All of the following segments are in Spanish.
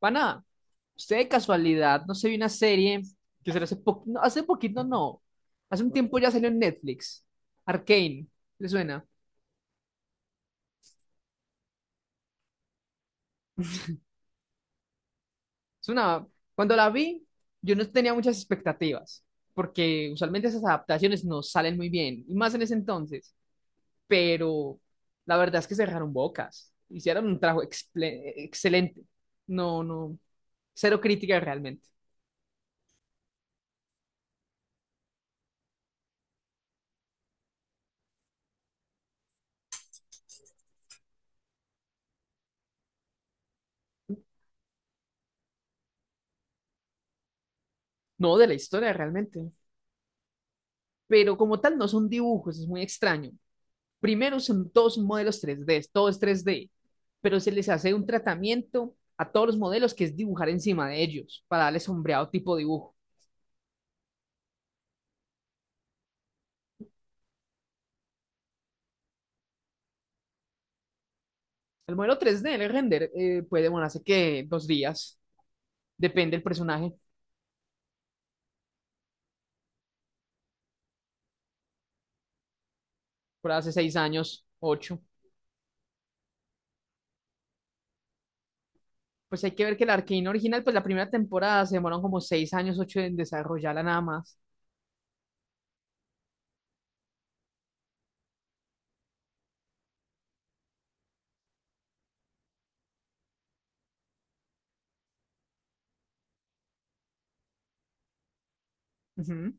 Pana, usted de casualidad no se vio una serie que se hace poquito, no, hace un tiempo ya salió en Netflix, Arcane, ¿le suena? Es una, cuando la vi, yo no tenía muchas expectativas, porque usualmente esas adaptaciones no salen muy bien, y más en ese entonces, pero la verdad es que se dejaron bocas, hicieron un trabajo excelente, no, no, cero crítica realmente, no de la historia realmente, pero como tal no son dibujos, es muy extraño. Primero son todos modelos tres d, todo es 3D, pero se les hace un tratamiento a todos los modelos que es dibujar encima de ellos para darle sombreado tipo dibujo. El modelo tres d, el render, puede demorarse que dos días, depende del personaje, por hace seis años, ocho. Pues hay que ver que el Arcane original, pues la primera temporada se demoraron como seis años, ocho en desarrollarla nada más. Ujú.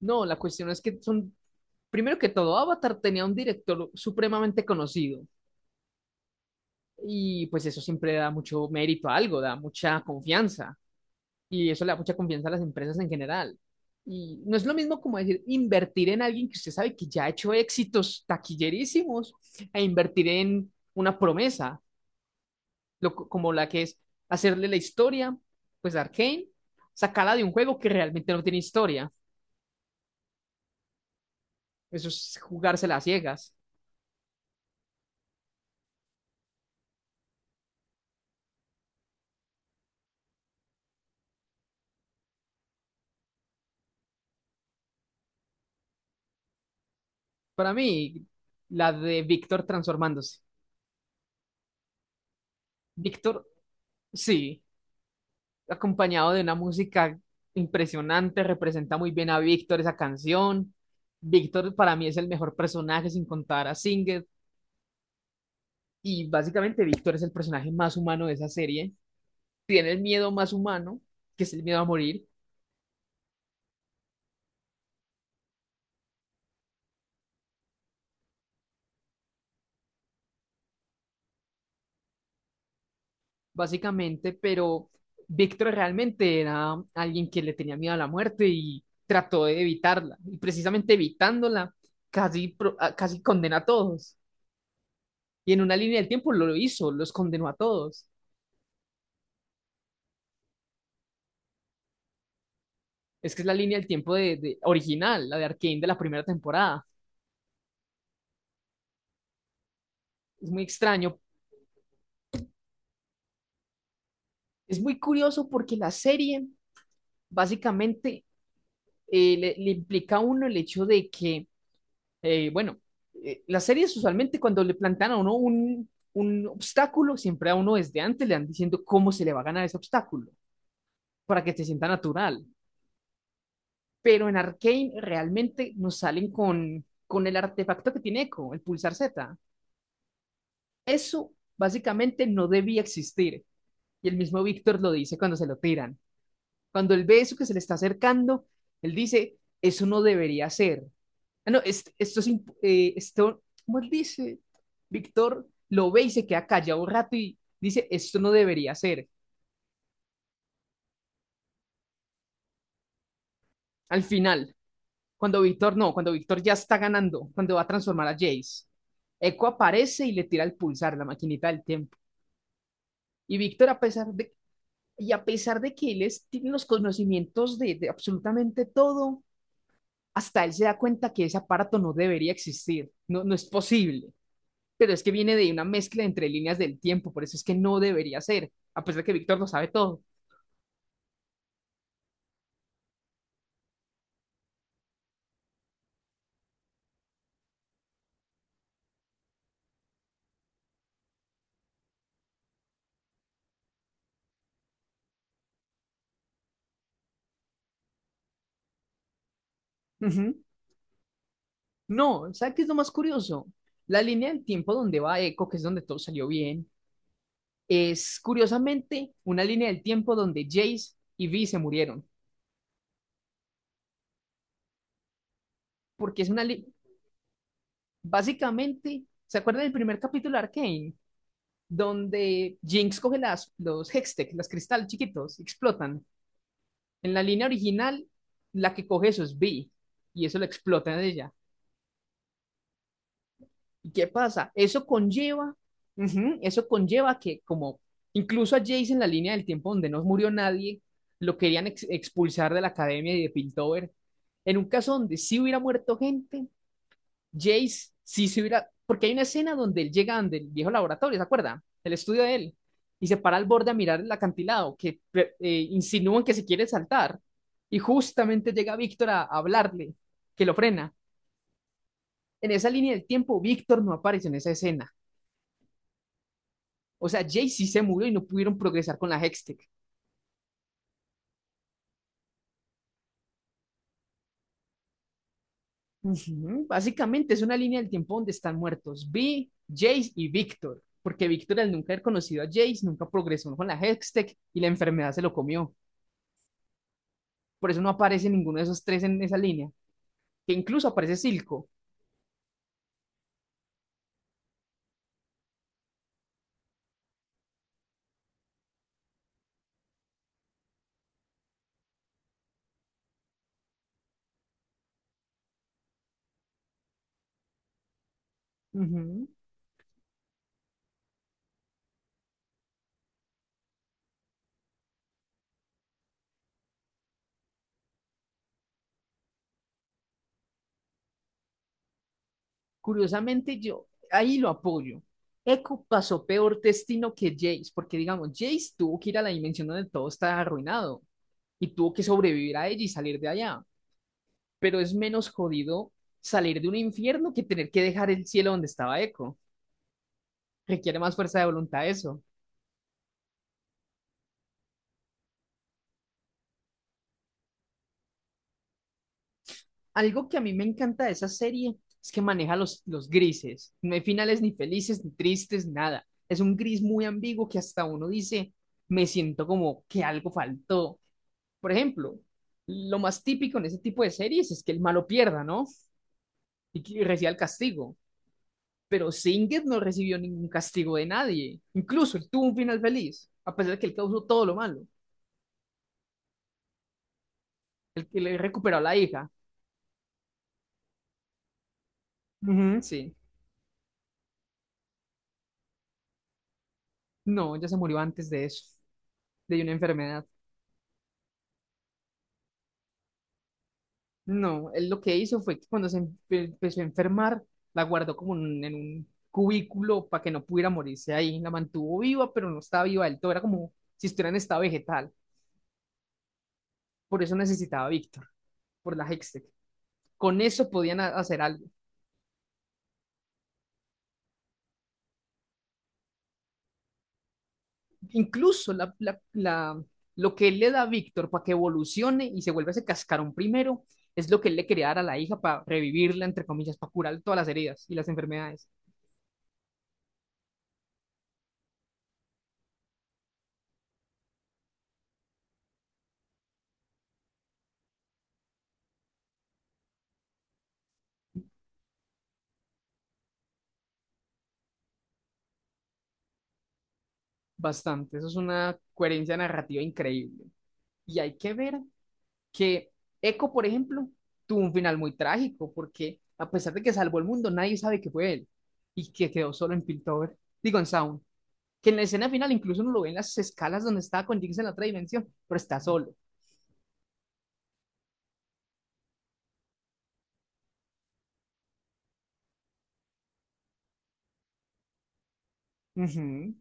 No, la cuestión es que son, primero que todo, Avatar tenía un director supremamente conocido, y pues eso siempre da mucho mérito a algo, da mucha confianza y eso le da mucha confianza a las empresas en general. Y no es lo mismo como decir invertir en alguien que usted sabe que ya ha hecho éxitos taquillerísimos a invertir en una promesa, como la que es hacerle la historia, pues a Arcane, sacarla de un juego que realmente no tiene historia. Eso es jugársela a ciegas. Para mí, la de Víctor transformándose. Víctor, sí, acompañado de una música impresionante, representa muy bien a Víctor esa canción. Víctor para mí es el mejor personaje sin contar a Singer y básicamente Víctor es el personaje más humano de esa serie. Tiene el miedo más humano, que es el miedo a morir, básicamente, pero Víctor realmente era alguien que le tenía miedo a la muerte y trató de evitarla. Y precisamente evitándola, casi, casi condena a todos. Y en una línea del tiempo lo hizo, los condenó a todos. Es que es la línea del tiempo de original, la de Arcane de la primera temporada. Es muy extraño. Es muy curioso porque la serie básicamente le implica a uno el hecho de que, eh, bueno, las series usualmente cuando le plantean a uno un obstáculo, siempre a uno desde antes le van diciendo cómo se le va a ganar ese obstáculo para que se sienta natural. Pero en Arcane realmente nos salen con el artefacto que tiene Echo, el pulsar Z. Eso básicamente no debía existir. Y el mismo Víctor lo dice cuando se lo tiran. Cuando él ve eso que se le está acercando, él dice, eso no debería ser. Ah, no, esto es, esto, ¿cómo él dice? Víctor lo ve y se queda callado un rato y dice, esto no debería ser. Al final, cuando Víctor no, cuando Víctor ya está ganando, cuando va a transformar a Jace, Echo aparece y le tira el pulsar, la maquinita del tiempo. Y Víctor, a pesar de, y a pesar de que tiene los conocimientos de absolutamente todo, hasta él se da cuenta que ese aparato no debería existir, no, no es posible, pero es que viene de una mezcla entre líneas del tiempo, por eso es que no debería ser, a pesar de que Víctor lo sabe todo. Ujú. No, ¿sabes qué es lo más curioso? La línea del tiempo donde va Echo, que es donde todo salió bien, es curiosamente una línea del tiempo donde Jace y Vi se murieron. Porque es una línea. Básicamente, ¿se acuerdan del primer capítulo de Arcane? Donde Jinx coge los Hextech, los cristales chiquitos, explotan. En la línea original, la que coge eso es B y eso lo explota en ella. ¿Y qué pasa? Eso conlleva, ujú, eso conlleva que, como incluso a Jace en la línea del tiempo donde no murió nadie, lo querían expulsar de la academia y de Piltover. En un caso donde sí hubiera muerto gente, Jace sí se hubiera, porque hay una escena donde él llega donde el viejo laboratorio, ¿se acuerda? El estudio de él, y se para al borde a mirar el acantilado, que insinúan que se quiere saltar, y justamente llega Víctor a hablarle, que lo frena. En esa línea del tiempo, Víctor no aparece en esa escena. O sea, Jay sí se murió y no pudieron progresar con la Hextech. Ujú. Básicamente es una línea del tiempo donde están muertos Vi, Jace y Víctor, porque Víctor, al nunca haber conocido a Jace, nunca progresó con la Hextech y la enfermedad se lo comió. Por eso no aparece ninguno de esos tres en esa línea, que incluso aparece Silco. Ujú. Curiosamente, yo ahí lo apoyo. Echo pasó peor destino que Jace, porque digamos, Jace tuvo que ir a la dimensión donde todo está arruinado y tuvo que sobrevivir a ella y salir de allá. Pero es menos jodido salir de un infierno que tener que dejar el cielo donde estaba Echo. Requiere más fuerza de voluntad eso. Algo que a mí me encanta de esa serie es que maneja los grises. No hay finales ni felices, ni tristes, nada. Es un gris muy ambiguo que hasta uno dice, me siento como que algo faltó. Por ejemplo, lo más típico en ese tipo de series es que el malo pierda, ¿no? Y que reciba el castigo. Pero Singet no recibió ningún castigo de nadie. Incluso él tuvo un final feliz, a pesar de que él causó todo lo malo. El que le recuperó a la hija. Ujú. Sí. No, ya se murió antes de eso, de una enfermedad. No, él lo que hizo fue que cuando se empezó a enfermar, la guardó como en un cubículo para que no pudiera morirse ahí. La mantuvo viva, pero no estaba viva del todo. Era como si estuviera en estado vegetal. Por eso necesitaba a Víctor, por la Hextech. Con eso podían hacer algo. Incluso lo que él le da a Víctor para que evolucione y se vuelva ese cascarón primero, es lo que él le quería dar a la hija para revivirla, entre comillas, para curar todas las heridas y las enfermedades. Bastante. Eso es una coherencia narrativa increíble. Y hay que ver que eco, por ejemplo, tuvo un final muy trágico porque a pesar de que salvó el mundo, nadie sabe que fue él y que quedó solo en Piltover, digo en Sound, que en la escena final incluso no lo ven las escalas donde estaba con Jinx en la otra dimensión, pero está solo. Ujú.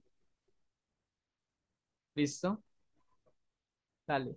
Listo, dale.